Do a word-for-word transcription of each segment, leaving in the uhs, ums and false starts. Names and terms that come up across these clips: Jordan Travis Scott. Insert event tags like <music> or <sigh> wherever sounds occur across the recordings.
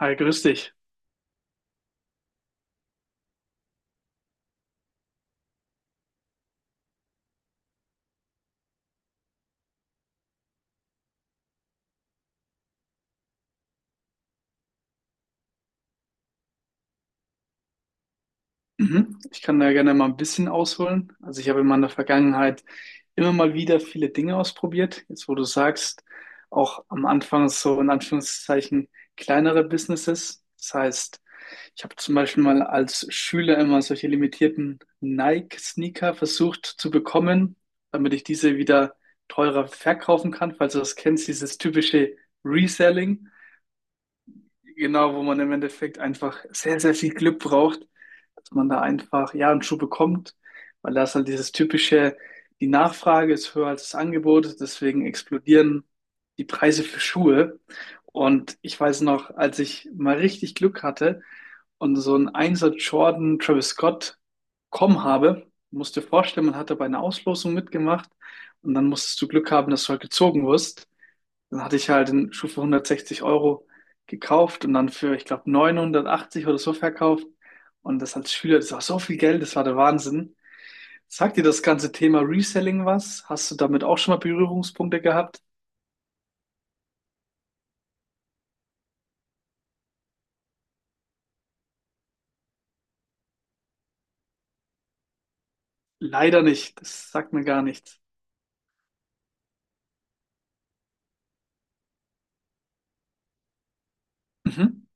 Hi, grüß dich. Mhm. Ich kann da gerne mal ein bisschen ausholen. Also ich habe in meiner Vergangenheit immer mal wieder viele Dinge ausprobiert. Jetzt, wo du sagst, auch am Anfang so in Anführungszeichen kleinere Businesses. Das heißt, ich habe zum Beispiel mal als Schüler immer solche limitierten Nike-Sneaker versucht zu bekommen, damit ich diese wieder teurer verkaufen kann. Falls du das kennst, dieses typische Reselling. Genau, wo man im Endeffekt einfach sehr, sehr viel Glück braucht, dass man da einfach ja einen Schuh bekommt, weil da ist halt dieses typische, die Nachfrage ist höher als das Angebot, deswegen explodieren die Preise für Schuhe. Und ich weiß noch, als ich mal richtig Glück hatte und so einen Einser Jordan Travis Scott bekommen habe, musst dir vorstellen, man hatte bei einer Auslosung mitgemacht und dann musstest du Glück haben, dass du halt gezogen wirst. Dann hatte ich halt den Schuh für hundertsechzig Euro gekauft und dann für, ich glaube, neunhundertachtzig oder so verkauft. Und das als Schüler, das war so viel Geld, das war der Wahnsinn. Sagt dir das ganze Thema Reselling was? Hast du damit auch schon mal Berührungspunkte gehabt? Leider nicht. Das sagt mir gar nichts. Mhm.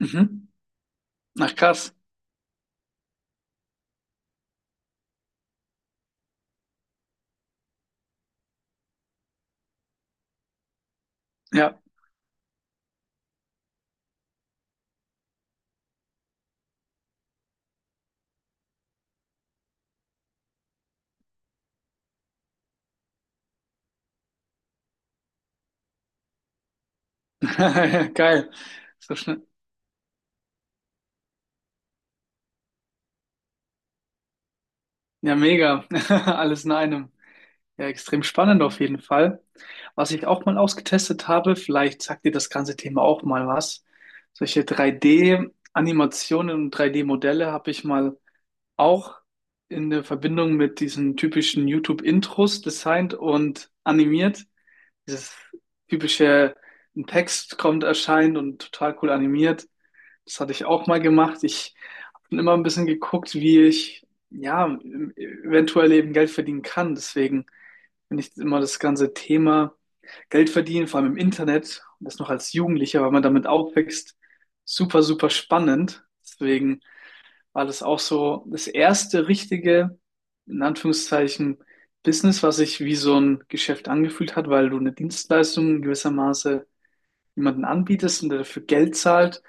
Mhm. Ach, krass. Ja. <laughs> Geil. So schnell. Ja, mega. <laughs> Alles in einem. Ja, extrem spannend auf jeden Fall. Was ich auch mal ausgetestet habe, vielleicht sagt dir das ganze Thema auch mal was. Solche drei D-Animationen und drei D-Modelle habe ich mal auch in der Verbindung mit diesen typischen YouTube-Intros designt und animiert. Dieses typische, ein Text kommt, erscheint und total cool animiert. Das hatte ich auch mal gemacht. Ich habe immer ein bisschen geguckt, wie ich ja eventuell eben Geld verdienen kann. Deswegen finde ich immer das ganze Thema Geld verdienen, vor allem im Internet und das noch als Jugendlicher, weil man damit aufwächst, super, super spannend. Deswegen war das auch so das erste richtige, in Anführungszeichen, Business, was sich wie so ein Geschäft angefühlt hat, weil du eine Dienstleistung in gewisser Maße jemanden anbietest und der dafür Geld zahlt.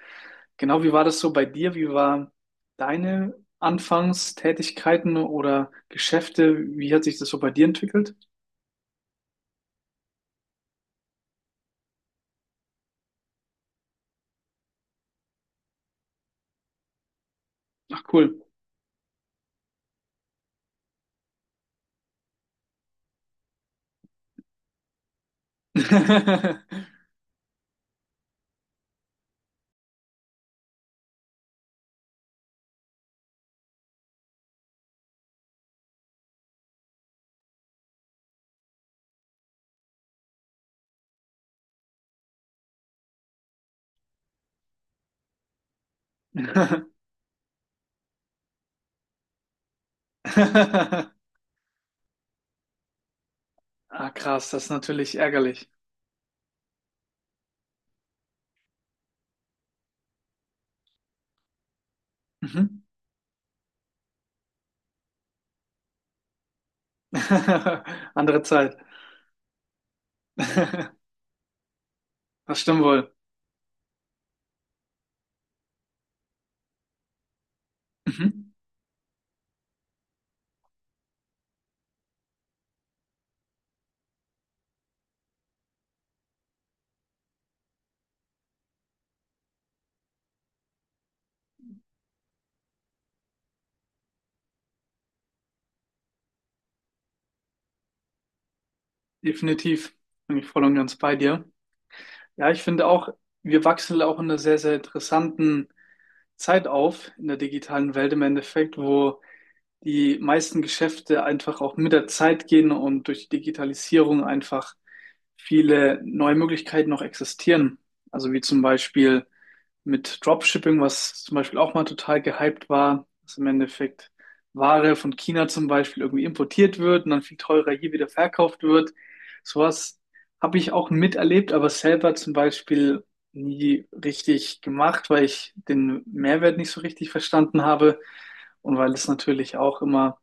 Genau, wie war das so bei dir? Wie waren deine Anfangstätigkeiten oder Geschäfte? Wie hat sich das so bei dir entwickelt? Ach, cool. <laughs> Ah, krass, das ist natürlich ärgerlich. Mhm. <laughs> Andere Zeit. <laughs> Das stimmt wohl. Mhm. Definitiv. Bin ich voll und ganz bei dir. Ja, ich finde auch, wir wachsen auch in einer sehr, sehr interessanten Zeit auf in der digitalen Welt im Endeffekt, wo die meisten Geschäfte einfach auch mit der Zeit gehen und durch die Digitalisierung einfach viele neue Möglichkeiten noch existieren. Also wie zum Beispiel mit Dropshipping, was zum Beispiel auch mal total gehypt war, dass im Endeffekt Ware von China zum Beispiel irgendwie importiert wird und dann viel teurer hier wieder verkauft wird. Sowas habe ich auch miterlebt, aber selber zum Beispiel nie richtig gemacht, weil ich den Mehrwert nicht so richtig verstanden habe und weil es natürlich auch immer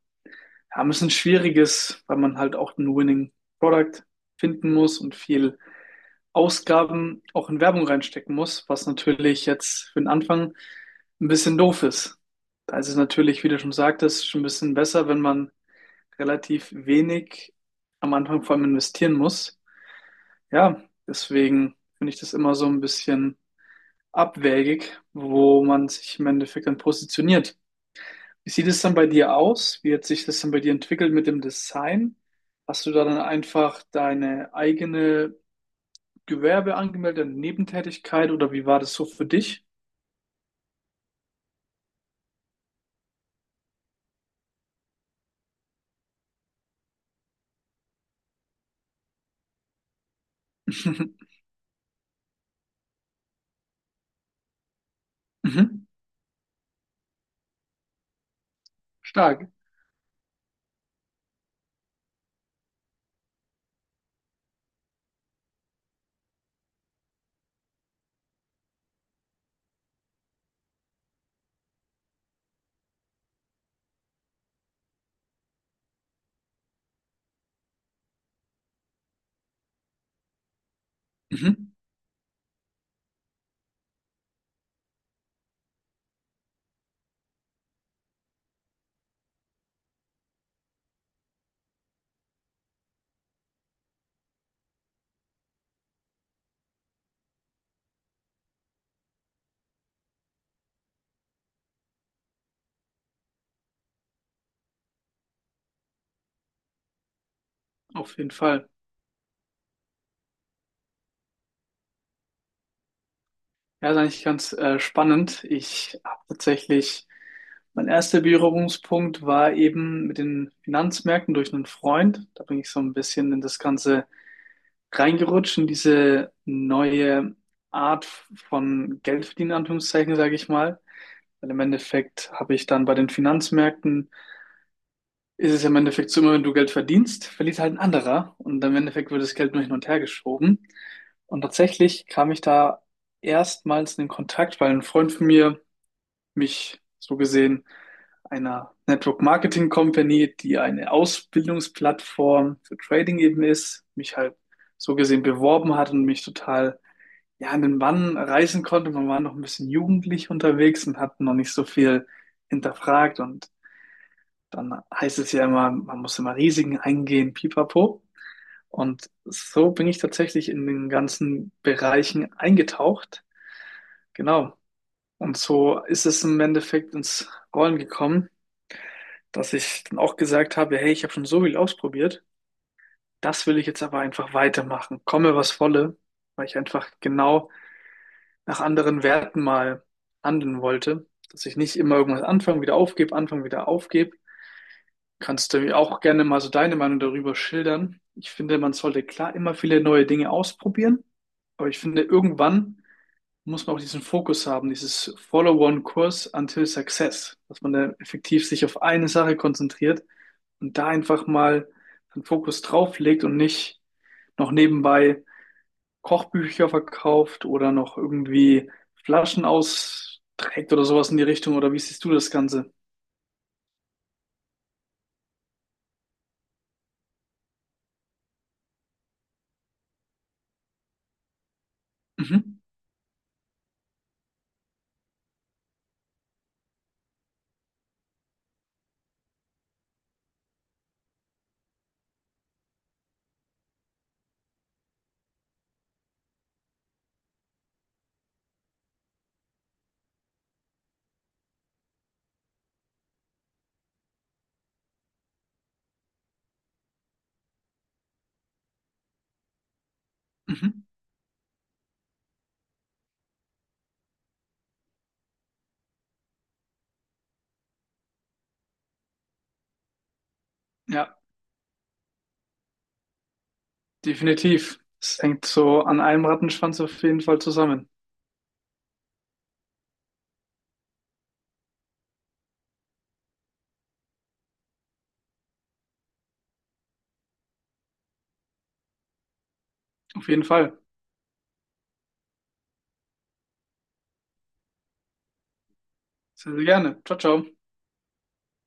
ja, ein bisschen schwierig ist, weil man halt auch ein Winning Product finden muss und viel Ausgaben auch in Werbung reinstecken muss, was natürlich jetzt für den Anfang ein bisschen doof ist. Da ist es natürlich, wie du schon sagtest, schon ein bisschen besser, wenn man relativ wenig am Anfang vor allem investieren muss. Ja, deswegen finde ich das immer so ein bisschen abwägig, wo man sich im Endeffekt dann positioniert. Wie sieht es dann bei dir aus? Wie hat sich das dann bei dir entwickelt mit dem Design? Hast du da dann einfach deine eigene Gewerbe angemeldet, eine Nebentätigkeit oder wie war das so für dich? <laughs> Mhm. Stark. Mhm. Auf jeden Fall. Ja, ist eigentlich ganz äh, spannend. Ich habe tatsächlich, mein erster Berührungspunkt war eben mit den Finanzmärkten durch einen Freund. Da bin ich so ein bisschen in das Ganze reingerutscht, in diese neue Art von Geldverdienen, in Anführungszeichen, sage ich mal. Weil im Endeffekt habe ich dann bei den Finanzmärkten ist es ja im Endeffekt so, immer wenn du Geld verdienst, verliert halt ein anderer und im Endeffekt wird das Geld nur hin und her geschoben. Und tatsächlich kam ich da erstmals in den Kontakt, weil ein Freund von mir mich so gesehen einer Network Marketing Company, die eine Ausbildungsplattform für Trading eben ist, mich halt so gesehen beworben hat und mich total ja, an den Bann reißen konnte. Man war noch ein bisschen jugendlich unterwegs und hat noch nicht so viel hinterfragt und dann heißt es ja immer, man muss immer Risiken eingehen, pipapo. Und so bin ich tatsächlich in den ganzen Bereichen eingetaucht. Genau. Und so ist es im Endeffekt ins Rollen gekommen, dass ich dann auch gesagt habe, hey, ich habe schon so viel ausprobiert. Das will ich jetzt aber einfach weitermachen. Komme, was wolle, weil ich einfach genau nach anderen Werten mal handeln wollte, dass ich nicht immer irgendwas anfange, wieder aufgebe, anfange, wieder aufgebe, Kannst du mir auch gerne mal so deine Meinung darüber schildern? Ich finde, man sollte klar immer viele neue Dinge ausprobieren, aber ich finde, irgendwann muss man auch diesen Fokus haben, dieses Follow-on-Kurs until Success, dass man da effektiv sich auf eine Sache konzentriert und da einfach mal den Fokus drauf legt und nicht noch nebenbei Kochbücher verkauft oder noch irgendwie Flaschen austrägt oder sowas in die Richtung. Oder wie siehst du das Ganze? Mhm. Mhm. Ja. Definitiv. Es hängt so an einem Rattenschwanz auf jeden Fall zusammen. Auf jeden Fall. Sehr, sehr gerne. Ciao, ciao.